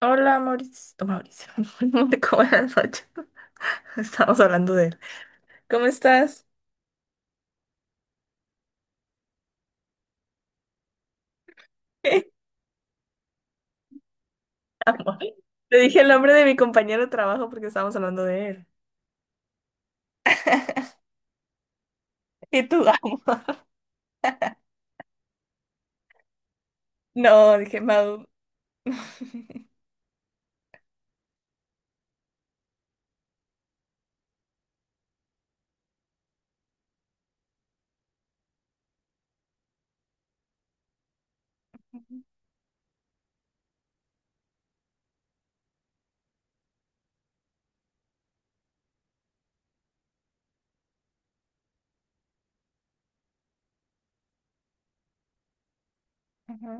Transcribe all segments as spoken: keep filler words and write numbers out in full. Hola Mauricio. No, Mauricio, no te buenas noches. Estamos hablando de él. ¿Cómo estás? Amor. Te dije el nombre de mi compañero de trabajo porque estábamos hablando de él. Y tú, amor. No, dije Mau. Ajá.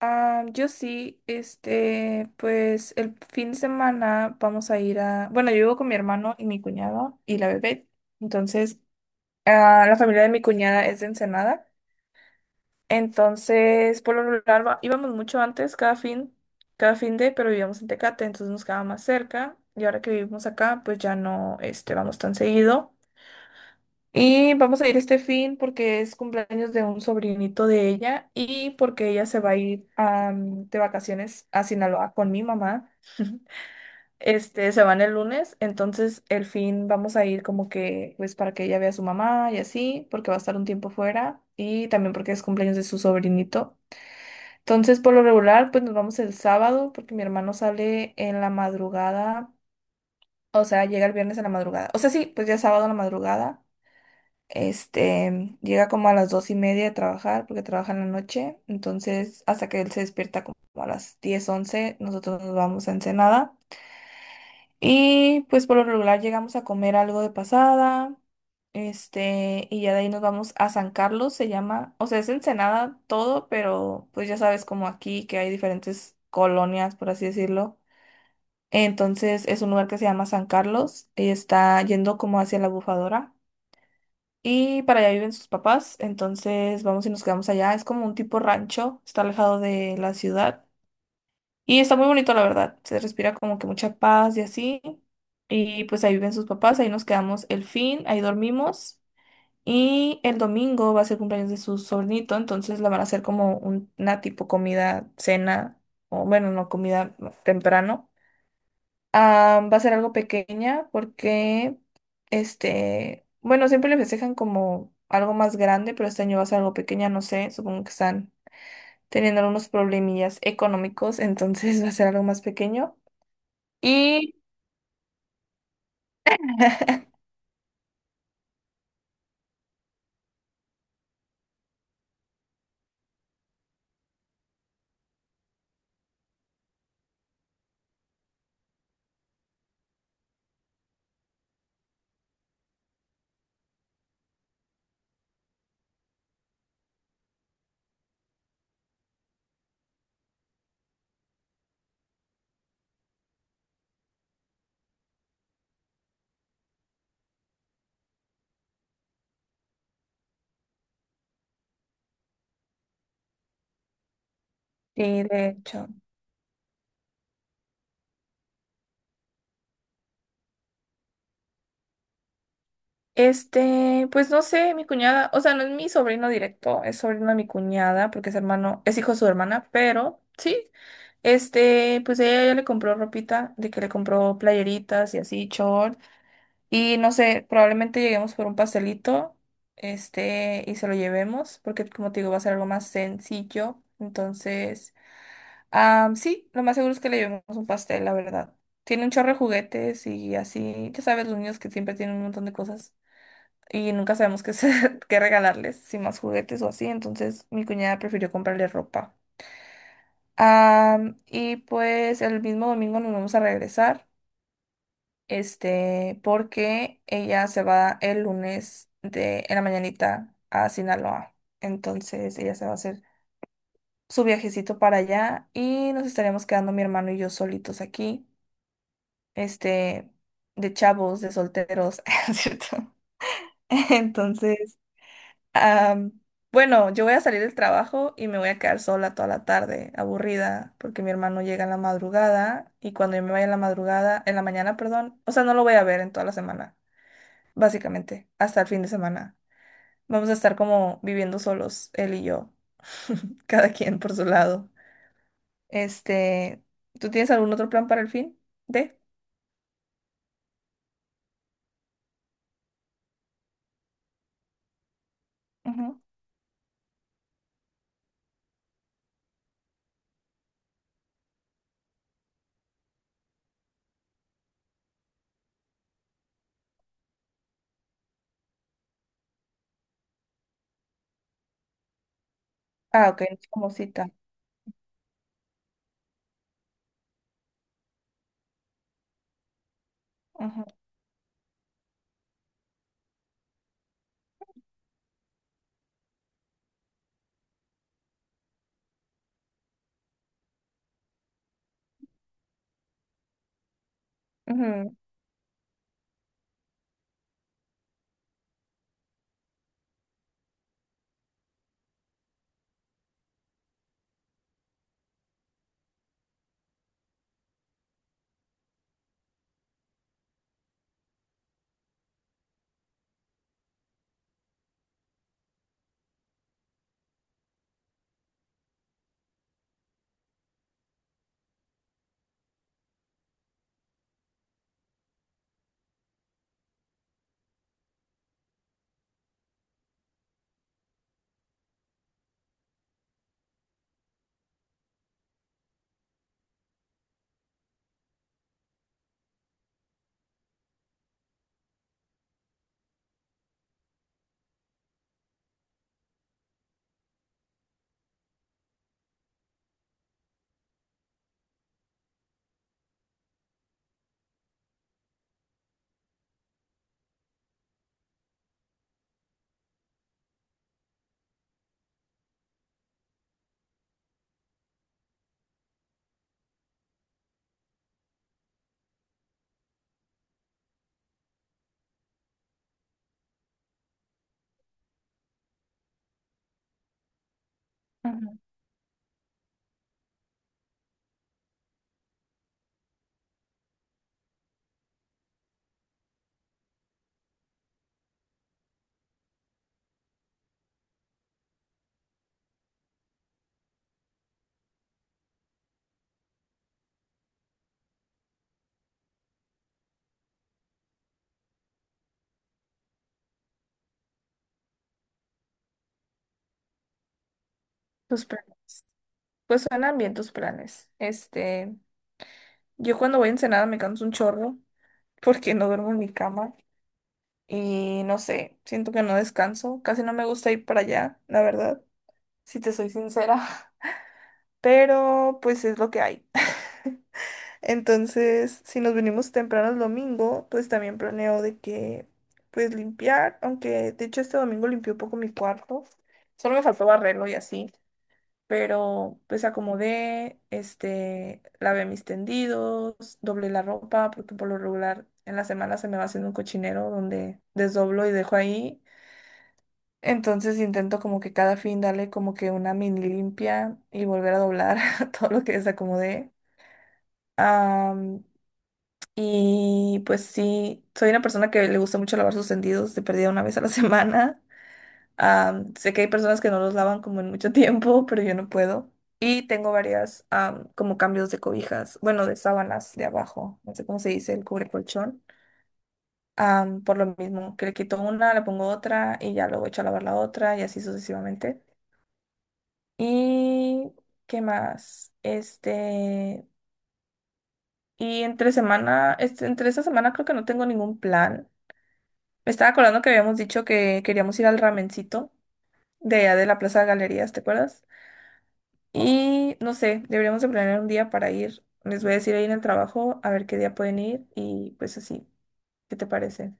Ah, yo sí, este, pues el fin de semana vamos a ir a, bueno, yo vivo con mi hermano y mi cuñado y la bebé. Entonces, ah, la familia de mi cuñada es de Ensenada. Entonces, por lo regular va- íbamos mucho antes, cada fin, cada fin de, pero vivíamos en Tecate, entonces nos quedaba más cerca. Y ahora que vivimos acá, pues ya no, este, vamos tan seguido. Y vamos a ir este fin porque es cumpleaños de un sobrinito de ella y porque ella se va a ir am, de vacaciones a Sinaloa con mi mamá. Este, se van el lunes, entonces el fin vamos a ir como que, pues para que ella vea a su mamá y así, porque va a estar un tiempo fuera y también porque es cumpleaños de su sobrinito. Entonces, por lo regular, pues nos vamos el sábado porque mi hermano sale en la madrugada, o sea, llega el viernes en la madrugada. O sea, sí, pues ya es sábado en la madrugada. Este, llega como a las dos y media de trabajar porque trabaja en la noche. Entonces, hasta que él se despierta como a las diez once nosotros nos vamos a Ensenada. Y pues por lo regular llegamos a comer algo de pasada, este, y ya de ahí nos vamos a San Carlos, se llama, o sea, es Ensenada todo, pero pues ya sabes como aquí que hay diferentes colonias, por así decirlo. Entonces es un lugar que se llama San Carlos y está yendo como hacia la Bufadora. Y para allá viven sus papás, entonces vamos y nos quedamos allá. Es como un tipo rancho, está alejado de la ciudad. Y está muy bonito, la verdad. Se respira como que mucha paz y así. Y pues ahí viven sus papás, ahí nos quedamos el fin, ahí dormimos. Y el domingo va a ser cumpleaños de su sobrinito, entonces la van a hacer como un- una tipo comida, cena, o bueno, no comida temprano. Ah, va a ser algo pequeña porque, este, bueno, siempre le festejan como algo más grande, pero este año va a ser algo pequeña, no sé, supongo que están teniendo algunos problemillas económicos, entonces va a ser algo más pequeño. Y sí, de hecho. Este, pues no sé, mi cuñada, o sea, no es mi sobrino directo, es sobrino de mi cuñada, porque es hermano, es hijo de su hermana, pero sí, este, pues ella ya le compró ropita, de que le compró playeritas y así, short, y no sé, probablemente lleguemos por un pastelito, este, y se lo llevemos, porque como te digo, va a ser algo más sencillo, entonces... Ah, sí, lo más seguro es que le llevemos un pastel, la verdad. Tiene un chorro de juguetes y así, ya sabes, los niños que siempre tienen un montón de cosas y nunca sabemos qué, hacer- qué regalarles, si más juguetes o así, entonces mi cuñada prefirió comprarle ropa. Ah, y pues el mismo domingo nos vamos a regresar, este, porque ella se va el lunes de, en la mañanita a Sinaloa, entonces ella se va a hacer su viajecito para allá y nos estaremos quedando mi hermano y yo solitos aquí. este, de chavos, de solteros, ¿no es cierto? Entonces, am, bueno, yo voy a salir del trabajo y me voy a quedar sola toda la tarde, aburrida, porque mi hermano llega en la madrugada y cuando yo me vaya en la madrugada, en la mañana, perdón, o sea, no lo voy a ver en toda la semana, básicamente, hasta el fin de semana. Vamos a estar como viviendo solos, él y yo, cada quien por su lado. Este, ¿Tú tienes algún otro plan para el fin de? Ujú. Ah, ok, es como cita. Ujú, ujú. Tus planes. Pues suenan bien tus planes. Este, yo cuando voy a Ensenada me canso un chorro porque no duermo en mi cama y no sé, siento que no descanso. Casi no me gusta ir para allá, la verdad, si te soy sincera. Pero pues es lo que hay. Entonces, si nos venimos temprano el domingo, pues también planeo de que, pues limpiar, aunque de hecho este domingo limpié un poco mi cuarto. Solo me faltó barrerlo y así. Pero pues acomodé, este, lavé mis tendidos, doblé la ropa, porque por lo regular en la semana se me va haciendo un cochinero donde desdoblo y dejo ahí. Entonces intento como que cada fin darle como que una mini limpia y volver a doblar todo lo que desacomodé. Am, y pues sí, soy una persona que le gusta mucho lavar sus tendidos, de perdida una vez a la semana. Am, sé que hay personas que no los lavan como en mucho tiempo, pero yo no puedo. Y tengo varias am, como cambios de cobijas, bueno, de sábanas de abajo, no sé cómo se dice, el cubre colchón. Am, por lo mismo, que le quito una, le pongo otra y ya luego echo a lavar la otra y así sucesivamente. ¿Y qué más? Este, y entre semana, este, entre esta semana creo que no tengo ningún plan. Me estaba acordando que habíamos dicho que queríamos ir al ramencito de allá de la Plaza de Galerías, ¿te acuerdas? Y no sé, deberíamos de planear un día para ir. Les voy a decir ahí en el trabajo a ver qué día pueden ir y pues así. ¿Qué te parece?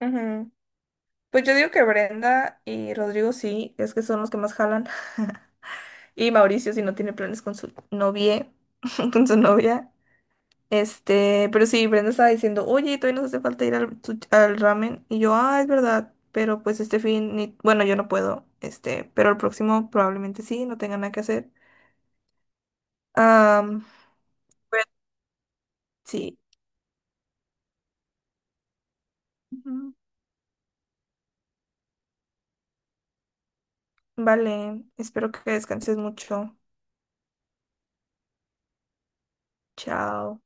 Ujú. Pues yo digo que Brenda y Rodrigo sí, es que son los que más jalan. Y Mauricio si no tiene planes con su novia, con su novia. Este, pero sí, Brenda estaba diciendo, oye, todavía nos hace falta ir al, su- al ramen. Y yo, ah, es verdad, pero pues este fin, ni- bueno, yo no puedo, este, pero el próximo probablemente sí, no tenga nada que hacer. Am, pues, sí. Ujú. Vale, espero que descanses mucho. Chao.